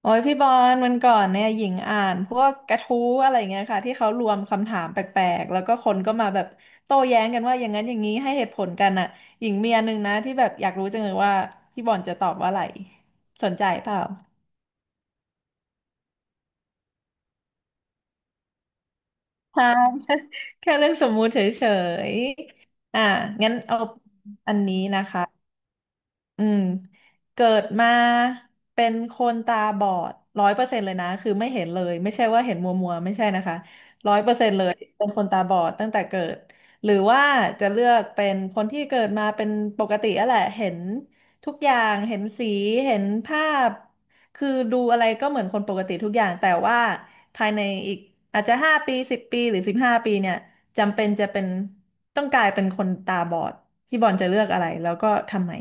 โอ้ยพี่บอลวันก่อนเนี่ยหญิงอ่านพวกกระทู้อะไรเงี้ยค่ะที่เขารวมคำถามแปลกๆแล้วก็คนก็มาแบบโต้แย้งกันว่าอย่างนั้นอย่างนี้ให้เหตุผลกันอ่ะหญิงมีอันหนึงนะที่แบบอยากรู้จังเลยว่าพี่บอลจะตอบว่าอะไรสนใจเปล่าใช่ แค่เรื่องสมมุติเฉยๆอ่ะงั้นเอาอันนี้นะคะ อืมเกิดมาเป็นคนตาบอดร้อยเปอร์เซ็นต์เลยนะคือไม่เห็นเลยไม่ใช่ว่าเห็นมัวมัวไม่ใช่นะคะร้อยเปอร์เซ็นต์เลยเป็นคนตาบอดตั้งแต่เกิดหรือว่าจะเลือกเป็นคนที่เกิดมาเป็นปกติอะแหละเห็นทุกอย่างเห็นสีเห็นภาพคือดูอะไรก็เหมือนคนปกติทุกอย่างแต่ว่าภายในอีกอาจจะห้าปี10 ปีหรือ15 ปีเนี่ยจำเป็นจะเป็นต้องกลายเป็นคนตาบอดพี่บอลจะเลือกอะไรแล้วก็ทำไม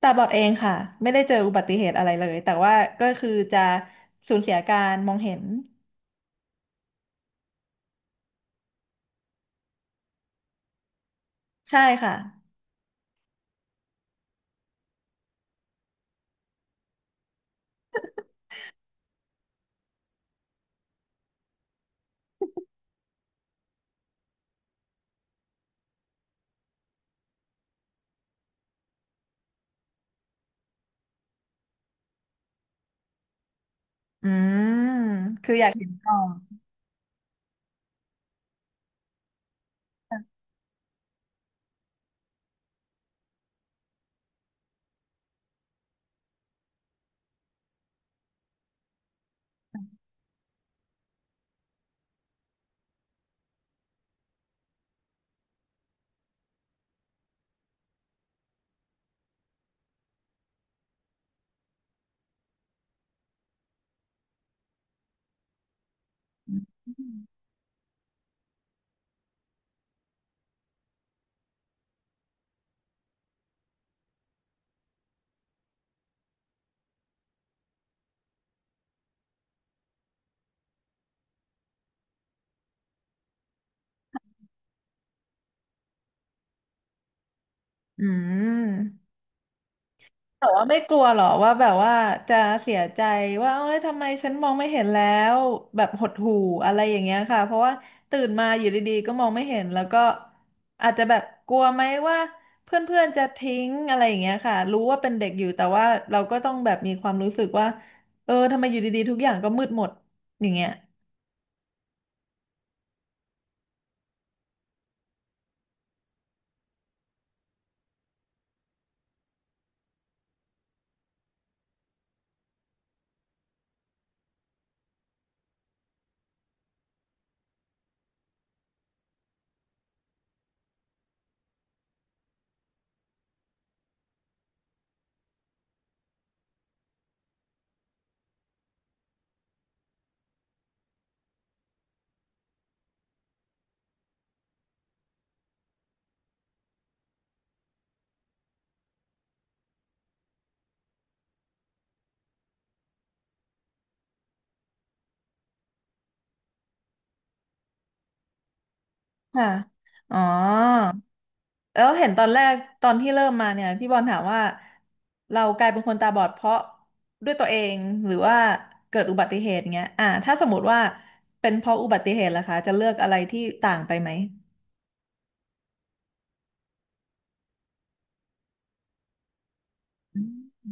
ตาบอดเองค่ะไม่ได้เจออุบัติเหตุอะไรเลยแต่ว่าก็คือจะสูญเสียการมองเห็นใช่ค่ะอืมคืออยากเห็นก่อนอืม แต่ว่าไม่กลัวหรอว่าแบบว่าจะเสียใจว่าเอ้ยทำไมฉันมองไม่เห็นแล้วแบบหดหู่อะไรอย่างเงี้ยค่ะเพราะว่าตื่นมาอยู่ดีๆก็มองไม่เห็นแล้วก็อาจจะแบบกลัวไหมว่าเพื่อนๆจะทิ้งอะไรอย่างเงี้ยค่ะรู้ว่าเป็นเด็กอยู่แต่ว่าเราก็ต้องแบบมีความรู้สึกว่าเออทำไมอยู่ดีๆทุกอย่างก็มืดหมดอย่างเงี้ยค่ะอ๋อ แล้วเห็นตอนแรกตอนที่เริ่มมาเนี่ยพี่บอลถามว่าเรากลายเป็นคนตาบอดเพราะด้วยตัวเองหรือว่าเกิดอุบัติเหตุเงี้ยถ้าสมมติว่าเป็นเพราะอุบัติเหตุล่ะคะจะเลือกอะไรที่ต่างไปไหมอืม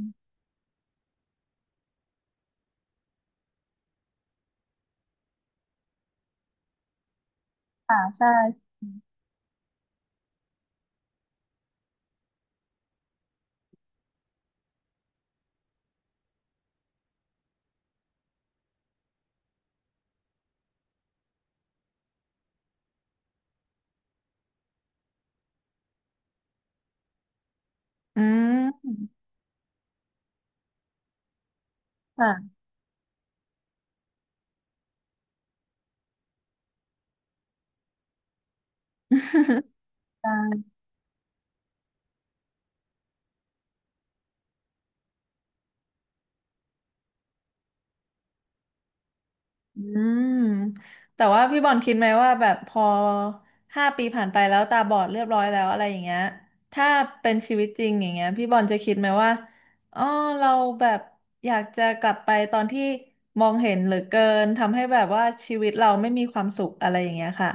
ค่ะใช่อืมค่ะ ใช่ อืมแต่ว่าพี่บอลคิดไหมว่าแบบพอห้าปีผ่านไปแล้วตาบอดเรียบร้อยแล้วอะไรอย่างเงี้ยถ้าเป็นชีวิตจริงอย่างเงี้ยพี่บอลจะคิดไหมว่าอ๋อเราแบบอยากจะกลับไปตอนที่มองเห็นเหลือเกินทำให้แบบว่าชีวิตเราไม่มีความสุขอะไรอย่างเงี้ยค่ะ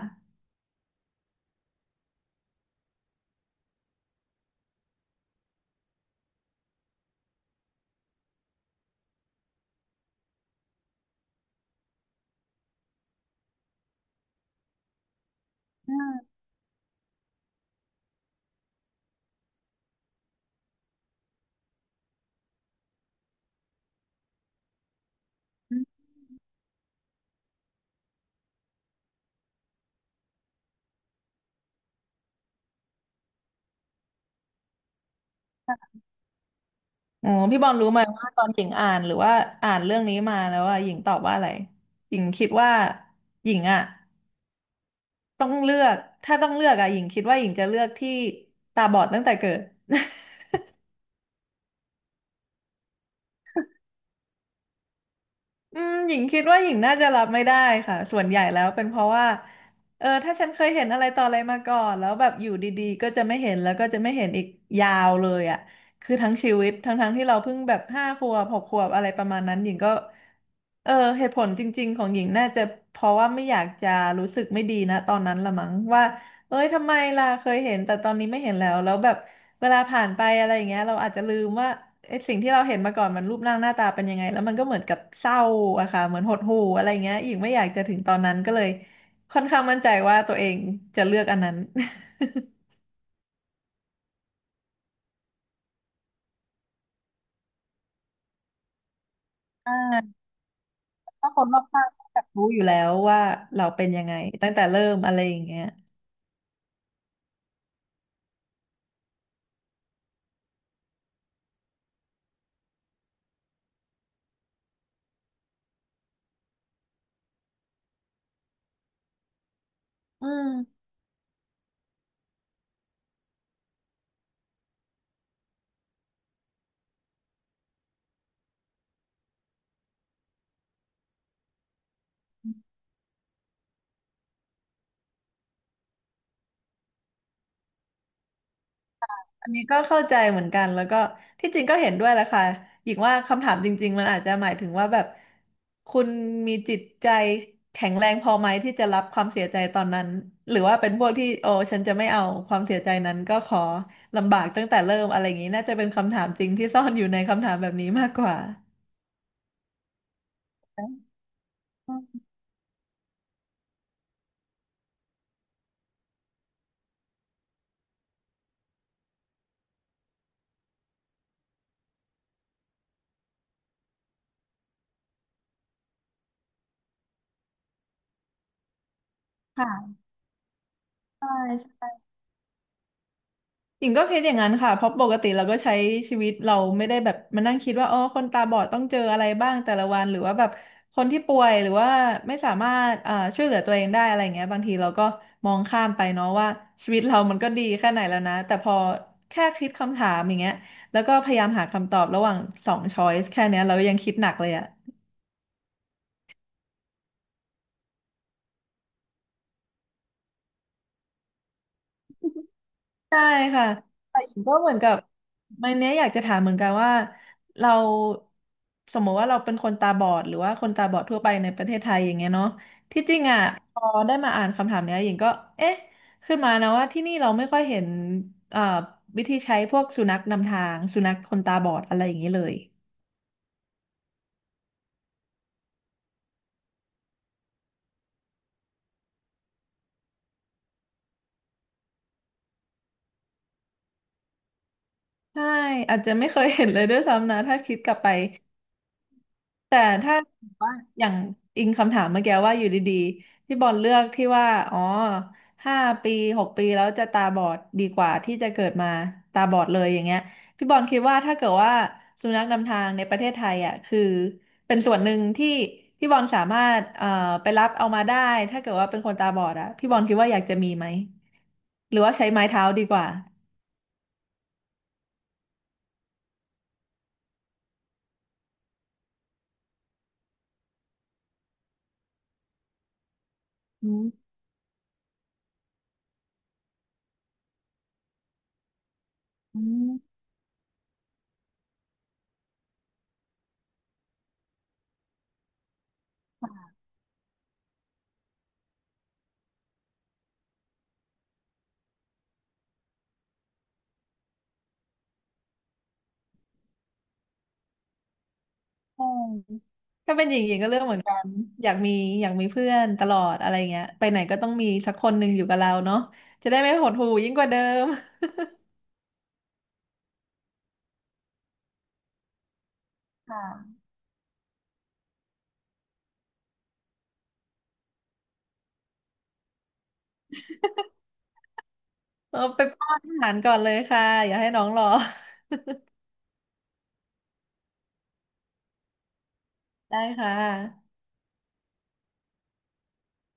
อ๋อพี่บอลรู้ไหมว่าตอนหญิงอ่านหรือว่าอ่านเรื่องนี้มาแล้วอ่ะหญิงตอบว่าอะไรหญิงคิดว่าหญิงอ่ะ ต้องเลือกถ้าต้องเลือกอะหญิงคิดว่าหญิงจะเลือกที่ตาบอดตั้งแต่เกิด อืมหญิงคิดว่าหญิงน่าจะรับไม่ได้ค่ะส่วนใหญ่แล้วเป็นเพราะว่าเออถ้าฉันเคยเห็นอะไรต่ออะไรมาก่อนแล้วแบบอยู่ดีๆก็จะไม่เห็นแล้วก็จะไม่เห็นอีกยาวเลยอ่ะคือทั้งชีวิตทั้งๆที่เราเพิ่งแบบ5 ขวบ6 ขวบอะไรประมาณนั้นหญิงก็เออเหตุผลจริงๆของหญิงน่าจะเพราะว่าไม่อยากจะรู้สึกไม่ดีนะตอนนั้นละมั้งว่า เอ้ยทำไมล่ะเคยเห็นแต่ตอนนี้ไม่เห็นแล้วแล้วแบบเวลาผ่านไปอะไรอย่างเงี้ยเราอาจจะลืมว่าไอ้สิ่งที่เราเห็นมาก่อนมันรูปร่างหน้าตาเป็นยังไงแล้วมันก็เหมือนกับเศร้าอะค่ะเหมือนหดหู่อะไรเงี้ยอีกไม่อยากจะถึงตอนนั้นก็เลยค่อนข้างมั่นใจว่าตัวเองจะเลือกอันนั้น อ่าถ้าคนรอบข้างรู้อยู่แล้วว่าเราเป็นยังไงตั้งแต่เริ่มอะไรอย่างเงี้ยอืม อันนี้ก็เข้าใจเหมือนกันแล้วก็ที่จริงก็เห็นด้วยแหละค่ะหญิงว่าคำถามจริงๆมันอาจจะหมายถึงว่าแบบคุณมีจิตใจแข็งแรงพอไหมที่จะรับความเสียใจตอนนั้นหรือว่าเป็นพวกที่โอ้ฉันจะไม่เอาความเสียใจนั้นก็ขอลำบากตั้งแต่เริ่มอะไรอย่างนี้น่าจะเป็นคำถามจริงที่ซ่อนอยู่ในคำถามแบบนี้มากกว่า ค่ะใช่ หญิงก็คิดอย่างนั้นค่ะเพราะปกติเราก็ใช้ชีวิตเราไม่ได้แบบมานั่งคิดว่าอ๋อคนตาบอดต้องเจออะไรบ้างแต่ละวันหรือว่าแบบคนที่ป่วยหรือว่าไม่สามารถอ่อช่วยเหลือตัวเองได้อะไรเงี้ยบางทีเราก็มองข้ามไปเนาะว่าชีวิตเรามันก็ดีแค่ไหนแล้วนะแต่พอแค่คิดคำถามอย่างเงี้ยแล้วก็พยายามหาคำตอบระหว่างสองช้อยส์แค่เนี้ยเรายังคิดหนักเลยอะ ใช่ค่ะ แต่หญิงก็เหมือนกับวันนี้อยากจะถามเหมือนกันว่าเราสมมติว่าเราเป็นคนตาบอดหรือว่าคนตาบอดทั่วไปในประเทศไทยอย่างเงี้ยเนาะที่จริงอ่ะพอได้มาอ่านคำถามเนี้ยหญิงก็เอ๊ะขึ้นมานะว่าที่นี่เราไม่ค่อยเห็นเอ่อวิธีใช้พวกสุนัขนำทางสุนัขคนตาบอดอะไรอย่างนี้เลยใช่อาจจะไม่เคยเห็นเลยด้วยซ้ำนะถ้าคิดกลับไป แต่ถ้าว่าอย่างอิงคำถามเมื่อกี้ว่าอยู่ดีๆพี่บอลเลือกที่ว่าอ๋อห้าปี6 ปีแล้วจะตาบอดดีกว่าที่จะเกิดมาตาบอดเลยอย่างเงี้ยพี่บอลคิดว่าถ้าเกิดว่าสุนัขนำทางในประเทศไทยอ่ะคือเป็นส่วนหนึ่งที่พี่บอลสามารถไปรับเอามาได้ถ้าเกิดว่าเป็นคนตาบอดอ่ะพี่บอลคิดว่าอยากจะมีไหมหรือว่าใช้ไม้เท้าดีกว่าอืม ใช่ถ้าเป็นหญิงหญิงก็เลือกเหมือนกันอยากมีอยากมีเพื่อนตลอดอะไรเงี้ยไปไหนก็ต้องมีสักคนหนึ่งอยู่กับเราเนาะจะได้ไม่หดหู่ยิ่งกว่าเดิมค่ะเออไปป้อนอาหารก่อนเลยค่ะ อย่าให้น้องรอ ได้ค่ะ